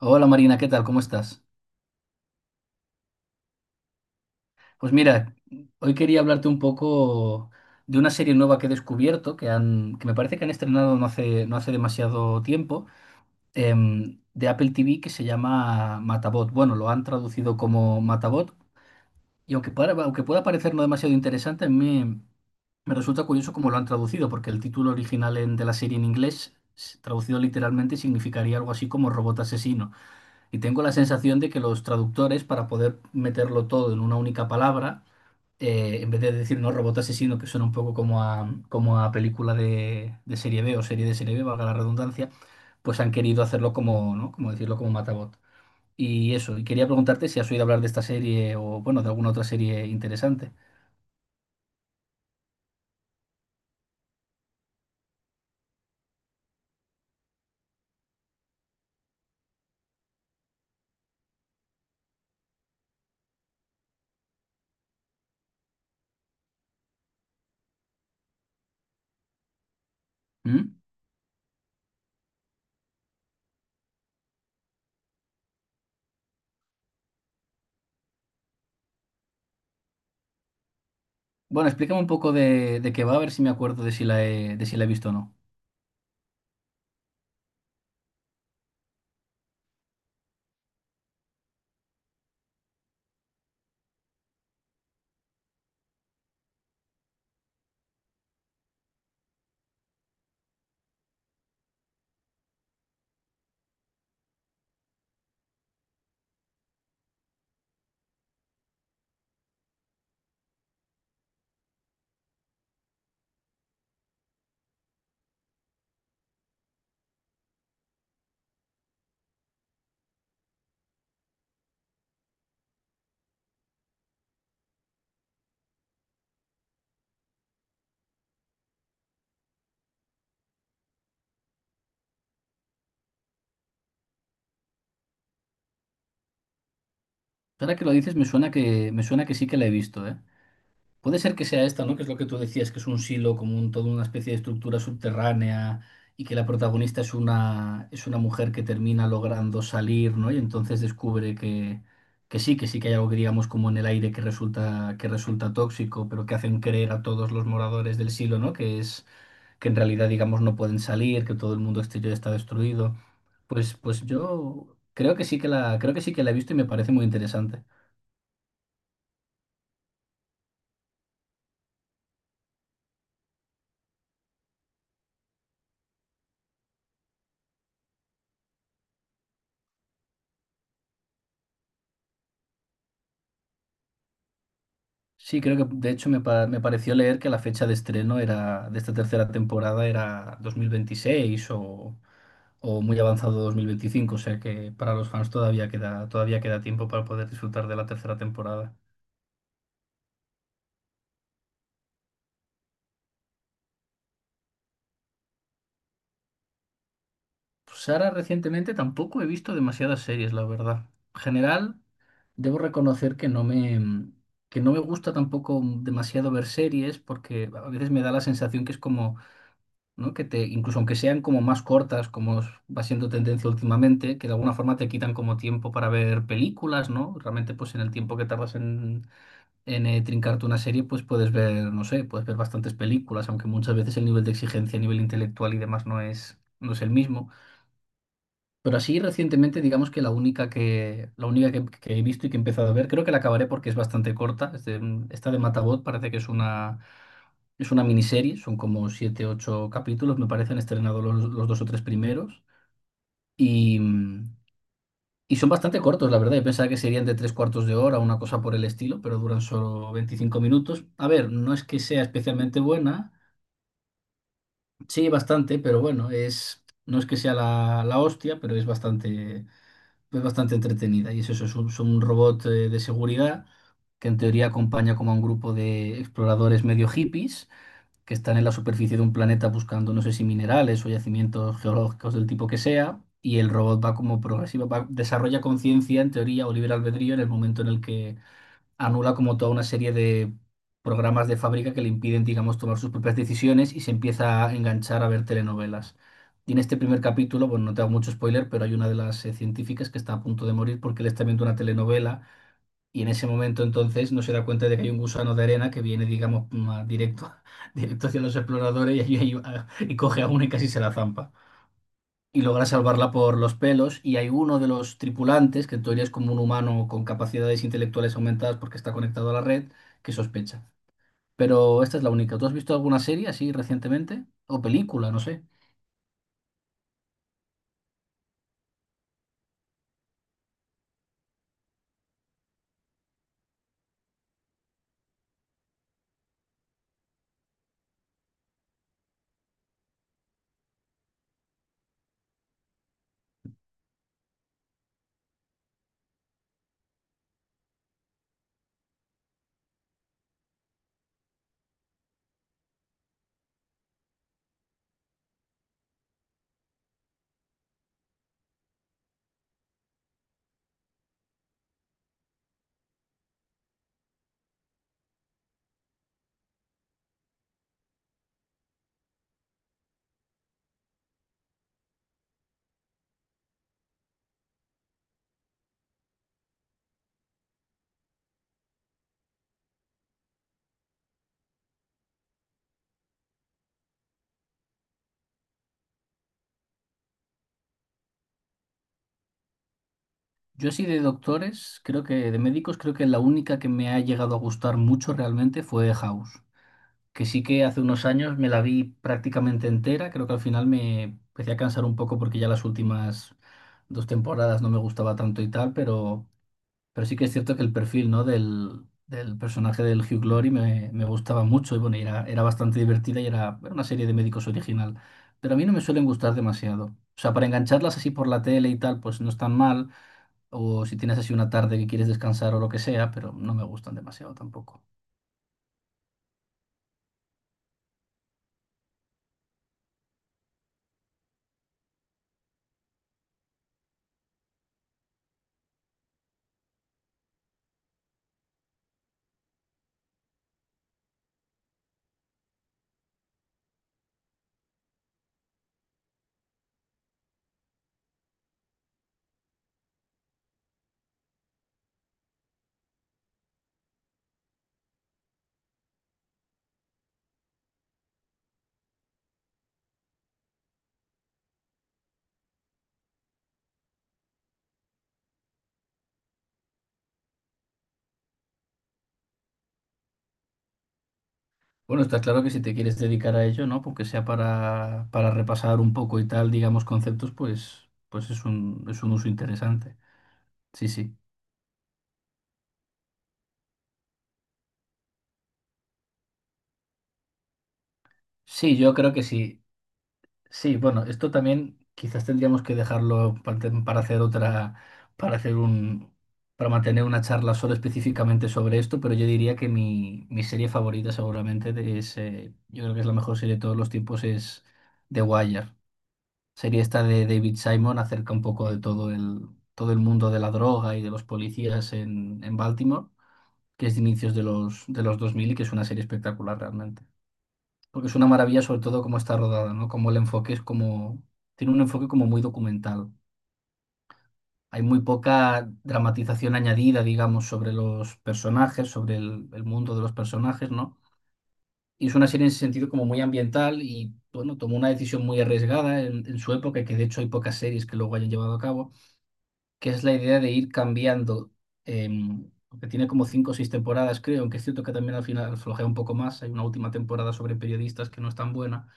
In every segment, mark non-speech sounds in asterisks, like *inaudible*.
Hola Marina, ¿qué tal? ¿Cómo estás? Pues mira, hoy quería hablarte un poco de una serie nueva que he descubierto, que me parece que han estrenado no hace demasiado tiempo, de Apple TV que se llama Matabot. Bueno, lo han traducido como Matabot y aunque pueda parecer no demasiado interesante, me resulta curioso cómo lo han traducido, porque el título original de la serie en inglés, traducido literalmente, significaría algo así como robot asesino. Y tengo la sensación de que los traductores, para poder meterlo todo en una única palabra, en vez de decir no robot asesino, que suena un poco como a película de serie B o serie de serie B, valga la redundancia, pues han querido hacerlo como, ¿no? Como decirlo como Matabot. Y eso, y quería preguntarte si has oído hablar de esta serie o, bueno, de alguna otra serie interesante. ¿Mm? Bueno, explícame un poco de qué va, a ver si me acuerdo de si de si la he visto o no. Ahora que lo dices, me suena que sí que la he visto, ¿eh? Puede ser que sea esta, ¿no? Que es lo que tú decías, que es un silo, como un, toda una especie de estructura subterránea y que la protagonista es una mujer que termina logrando salir, ¿no? Y entonces descubre que, que sí que hay algo que digamos como en el aire que resulta tóxico, pero que hacen creer a todos los moradores del silo, ¿no? Que es que en realidad, digamos, no pueden salir, que todo el mundo exterior está destruido. Pues, pues yo creo que sí que creo que sí que la he visto y me parece muy interesante. Sí, creo que de hecho me pareció leer que la fecha de estreno era de esta tercera temporada era 2026 o muy avanzado 2025, o sea que para los fans todavía queda tiempo para poder disfrutar de la tercera temporada. Pues ahora recientemente tampoco he visto demasiadas series, la verdad. En general, debo reconocer que no me gusta tampoco demasiado ver series porque a veces me da la sensación que es como ¿no? Que te, incluso aunque sean como más cortas, va siendo tendencia últimamente, que de alguna forma te quitan como tiempo para ver películas, ¿no? Realmente, pues en el tiempo que tardas en trincarte una serie, pues puedes ver, no sé, puedes ver bastantes películas, aunque muchas veces el nivel de exigencia a nivel intelectual y demás no es el mismo. Pero así recientemente, digamos que que he visto y que he empezado a ver, creo que la acabaré porque es bastante corta. Es esta de Matabot parece que es una miniserie, son como siete, ocho capítulos, me parecen estrenados los dos o tres primeros. Y, y son bastante cortos, la verdad. Yo pensaba que serían de tres cuartos de hora, una cosa por el estilo, pero duran solo 25 minutos. A ver, no es que sea especialmente buena, sí, bastante, pero bueno, es, no es que sea la, la hostia, pero es bastante. Es bastante entretenida. Y es eso, son un robot de seguridad que en teoría acompaña como a un grupo de exploradores medio hippies que están en la superficie de un planeta buscando, no sé si minerales o yacimientos geológicos del tipo que sea. Y el robot va como progresivo desarrolla conciencia en teoría o libre albedrío en el momento en el que anula como toda una serie de programas de fábrica que le impiden, digamos, tomar sus propias decisiones y se empieza a enganchar a ver telenovelas. Y en este primer capítulo, bueno, no te hago mucho spoiler, pero hay una de las científicas que está a punto de morir porque él está viendo una telenovela y en ese momento entonces no se da cuenta de que hay un gusano de arena que viene, digamos, *laughs* directo, *laughs* directo hacia los exploradores y, y coge a una y casi se la zampa y logra salvarla por los pelos. Y hay uno de los tripulantes, que en teoría es como un humano con capacidades intelectuales aumentadas porque está conectado a la red, que sospecha. Pero esta es la única. ¿Tú has visto alguna serie así recientemente? O película, no sé. Yo sí de doctores, creo que de médicos, creo que la única que me ha llegado a gustar mucho realmente fue House, que sí que hace unos años me la vi prácticamente entera, creo que al final me empecé a cansar un poco porque ya las últimas dos temporadas no me gustaba tanto y tal, pero sí que es cierto que el perfil, ¿no? Del personaje del Hugh Glory me gustaba mucho y bueno, era bastante divertida era una serie de médicos original. Pero a mí no me suelen gustar demasiado. O sea, para engancharlas así por la tele y tal, pues no están mal. O si tienes así una tarde que quieres descansar o lo que sea, pero no me gustan demasiado tampoco. Bueno, está claro que si te quieres dedicar a ello, ¿no? Porque sea para repasar un poco y tal, digamos, conceptos, pues es un uso interesante. Sí, sí. Sí, yo creo que sí. Sí, bueno, esto también quizás tendríamos que dejarlo para hacer otra, para hacer un, para mantener una charla solo específicamente sobre esto, pero yo diría que mi serie favorita seguramente yo creo que es la mejor serie de todos los tiempos, es The Wire. Serie esta de David Simon acerca un poco de todo el mundo de la droga y de los policías en Baltimore, que es de inicios de los 2000 y que es una serie espectacular realmente porque es una maravilla sobre todo cómo está rodada, ¿no? Como el enfoque es como, tiene un enfoque como muy documental. Hay muy poca dramatización añadida, digamos, sobre los personajes, sobre el mundo de los personajes, ¿no? Y es una serie en ese sentido como muy ambiental y, bueno, tomó una decisión muy arriesgada en su época, que de hecho hay pocas series que luego hayan llevado a cabo, que es la idea de ir cambiando, porque tiene como cinco o seis temporadas, creo, aunque es cierto que también al final flojea un poco más, hay una última temporada sobre periodistas que no es tan buena.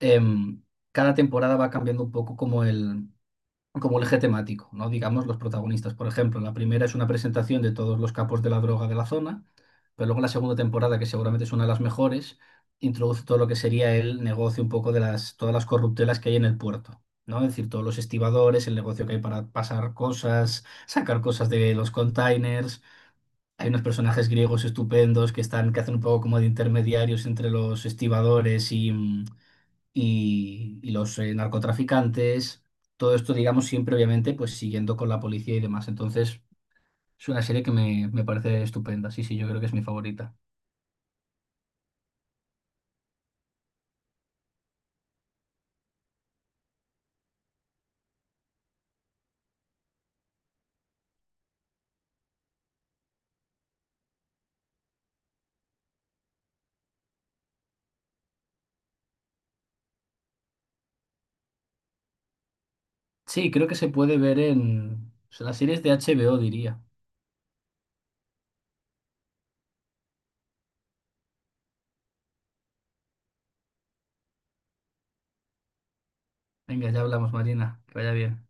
em, cada temporada va cambiando un poco como el eje temático, ¿no? Digamos, los protagonistas. Por ejemplo, la primera es una presentación de todos los capos de la droga de la zona, pero luego la segunda temporada, que seguramente es una de las mejores, introduce todo lo que sería el negocio un poco de las, todas las corruptelas que hay en el puerto. ¿No? Es decir, todos los estibadores, el negocio que hay para pasar cosas, sacar cosas de los containers. Hay unos personajes griegos estupendos que están, que hacen un poco como de intermediarios entre los estibadores y, y los narcotraficantes, todo esto, digamos, siempre obviamente, pues siguiendo con la policía y demás. Entonces, es una serie me parece estupenda. Sí, sí, yo creo que es mi favorita. Sí, creo que se puede ver en, o sea, las series de HBO, diría. Venga, ya hablamos, Marina. Que vaya bien.